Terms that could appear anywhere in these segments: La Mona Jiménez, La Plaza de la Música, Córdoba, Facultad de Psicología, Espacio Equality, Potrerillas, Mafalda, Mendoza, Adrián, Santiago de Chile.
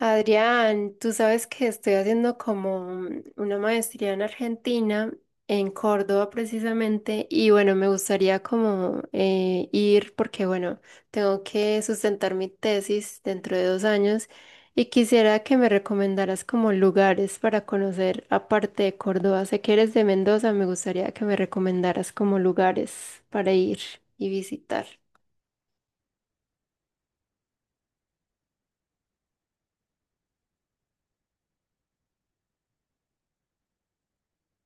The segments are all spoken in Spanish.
Adrián, tú sabes que estoy haciendo como una maestría en Argentina, en Córdoba precisamente, y bueno, me gustaría como ir porque bueno, tengo que sustentar mi tesis dentro de 2 años y quisiera que me recomendaras como lugares para conocer aparte de Córdoba. Sé que eres de Mendoza, me gustaría que me recomendaras como lugares para ir y visitar.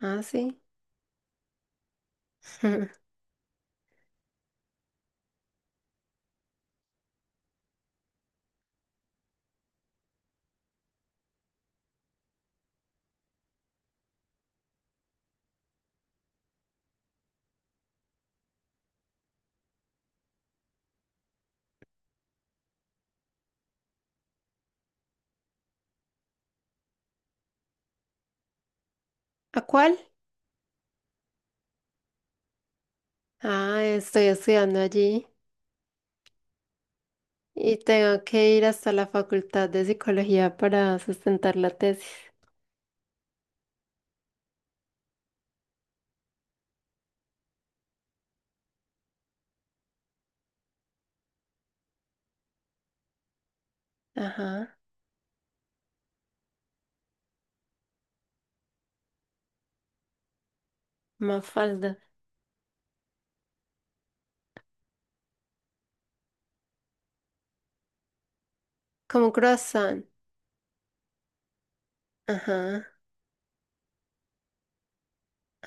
Ah, sí. ¿A cuál? Ah, estoy estudiando allí. Y tengo que ir hasta la Facultad de Psicología para sustentar la tesis. Ajá. Mafalda. Como un croissant. Ajá.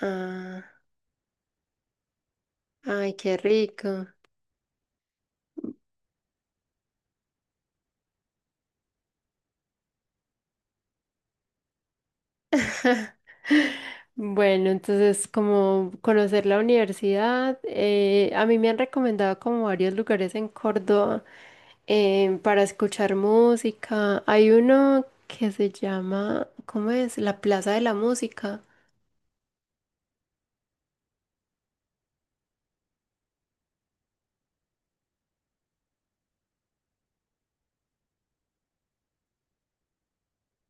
Ah, ay, qué rico. Bueno, entonces como conocer la universidad, a mí me han recomendado como varios lugares en Córdoba, para escuchar música. Hay uno que se llama, ¿cómo es? La Plaza de la Música.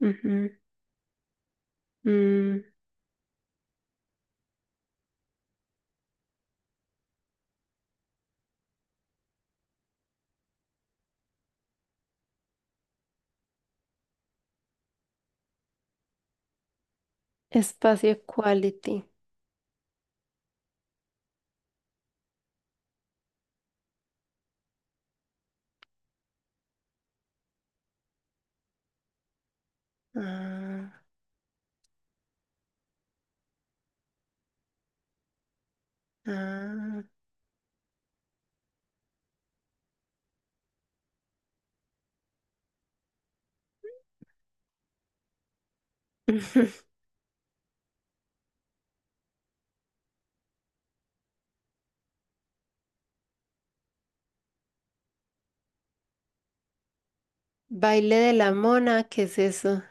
Ujú. Mm. Espacio Equality. Ah, ah. Baile de la mona, ¿qué es eso?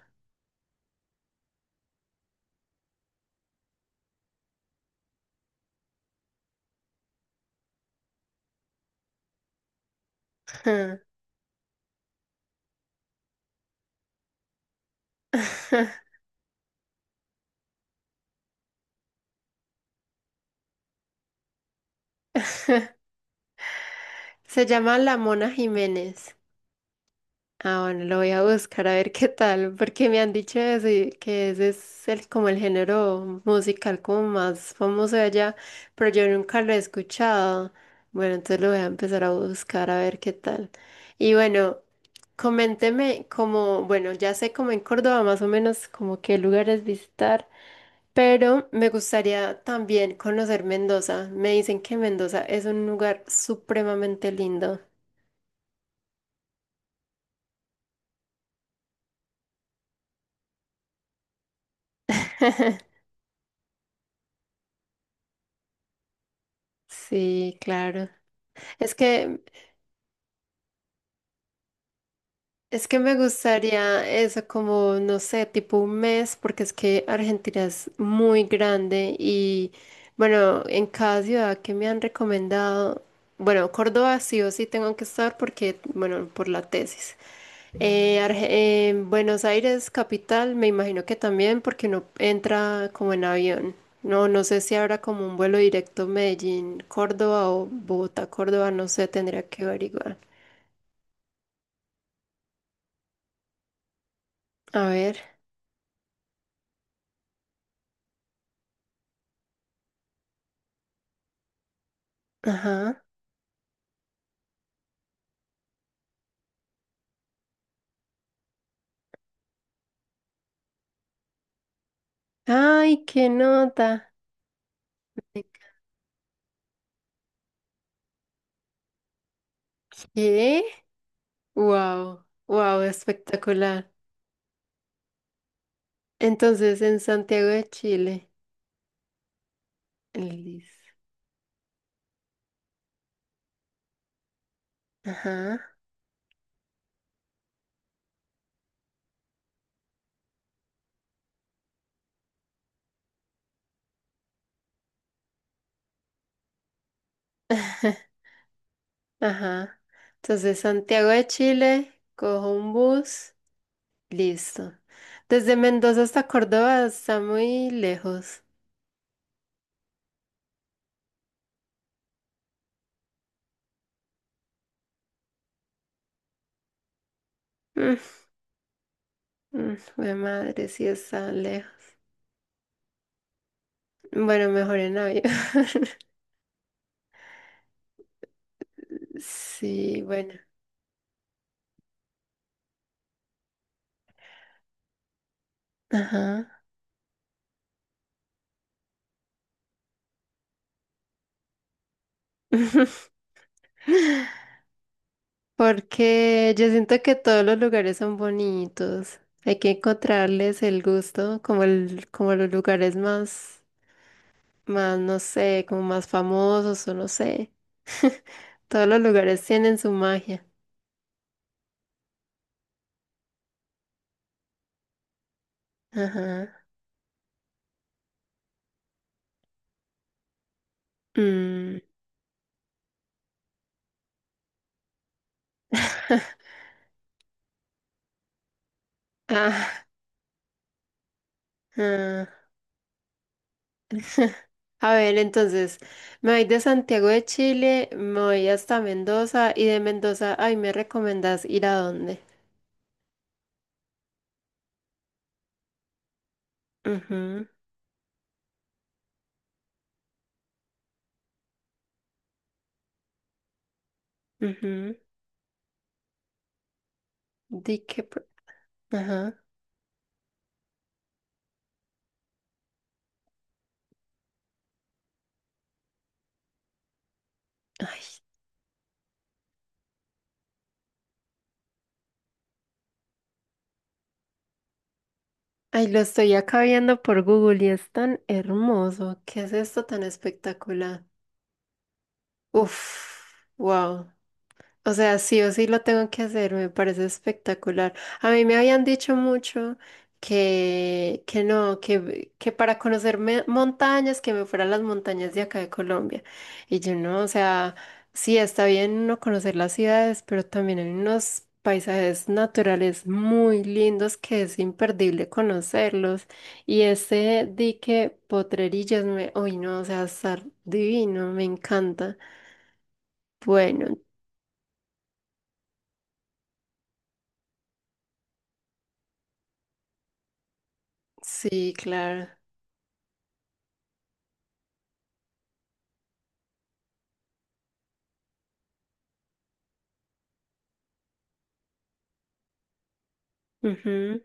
Se llama La Mona Jiménez. Ah, bueno, lo voy a buscar a ver qué tal, porque me han dicho eso y que ese es el, como el género musical como más famoso de allá, pero yo nunca lo he escuchado. Bueno, entonces lo voy a empezar a buscar a ver qué tal. Y bueno, coménteme como, bueno, ya sé como en Córdoba más o menos como qué lugares visitar, pero me gustaría también conocer Mendoza. Me dicen que Mendoza es un lugar supremamente lindo. Sí, claro. Es que Es que me gustaría eso como, no sé, tipo un mes, porque es que Argentina es muy grande y bueno, en cada ciudad que me han recomendado, bueno, Córdoba sí o sí tengo que estar porque, bueno, por la tesis. Buenos Aires, capital, me imagino que también porque uno entra como en avión. No, no sé si habrá como un vuelo directo Medellín, Córdoba o Bogotá, Córdoba, no sé, tendría que averiguar. A ver, ajá. Ay, qué nota. ¿Qué? Wow, wow, espectacular. Entonces, en Santiago de Chile, el Liz. Ajá. Ajá. Entonces, Santiago de Chile, cojo un bus, listo. Desde Mendoza hasta Córdoba está muy lejos. Mm, mm, jue madre, sí está lejos. Bueno, mejor en avión. Sí, bueno. Ajá. Porque yo siento que todos los lugares son bonitos. Hay que encontrarles el gusto, como el, como los lugares más, más, no sé, como más famosos o no sé. Todos los lugares tienen su magia. Ajá. Mm. Ah, ah. A ver, entonces, me voy de Santiago de Chile, me voy hasta Mendoza y de Mendoza, ay, ¿me recomendás ir a dónde? Ajá, ajá. Di que, ajá. Ay, ay, lo estoy acá viendo por Google y es tan hermoso. ¿Qué es esto tan espectacular? Uf, wow. O sea, sí o sí lo tengo que hacer, me parece espectacular. A mí me habían dicho mucho que no, que para conocerme montañas, que me fuera a las montañas de acá de Colombia. Y yo no, o sea, sí está bien uno conocer las ciudades, pero también hay unos paisajes naturales muy lindos que es imperdible conocerlos. Y ese dique Potrerillas, me, uy no, o sea, estar divino, me encanta. Bueno, sí, claro. Ujú.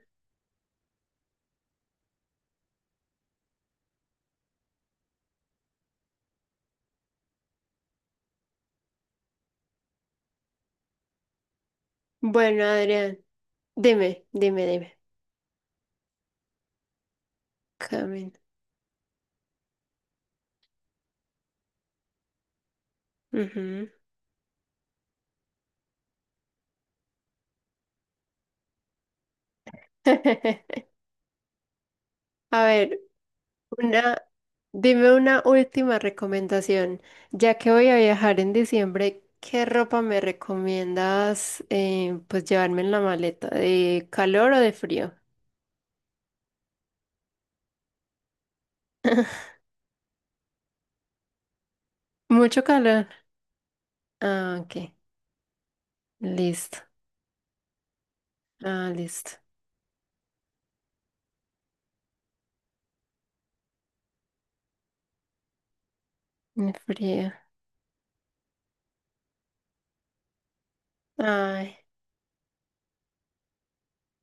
Bueno, Adrián, dime, dime, dime. Camino. Ujú. A ver, una, dime una última recomendación. Ya que voy a viajar en diciembre, ¿qué ropa me recomiendas, pues llevarme en la maleta? ¿De calor o de frío? Mucho calor. Ah, ok. Listo. Ah, listo. De frío. Ay,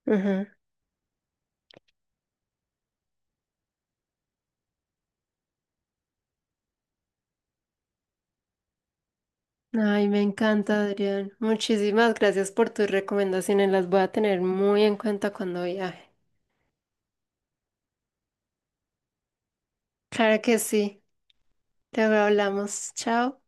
ujú. Ay, me encanta, Adrián. Muchísimas gracias por tus recomendaciones. Las voy a tener muy en cuenta cuando viaje. Claro que sí. Luego hablamos. Chao.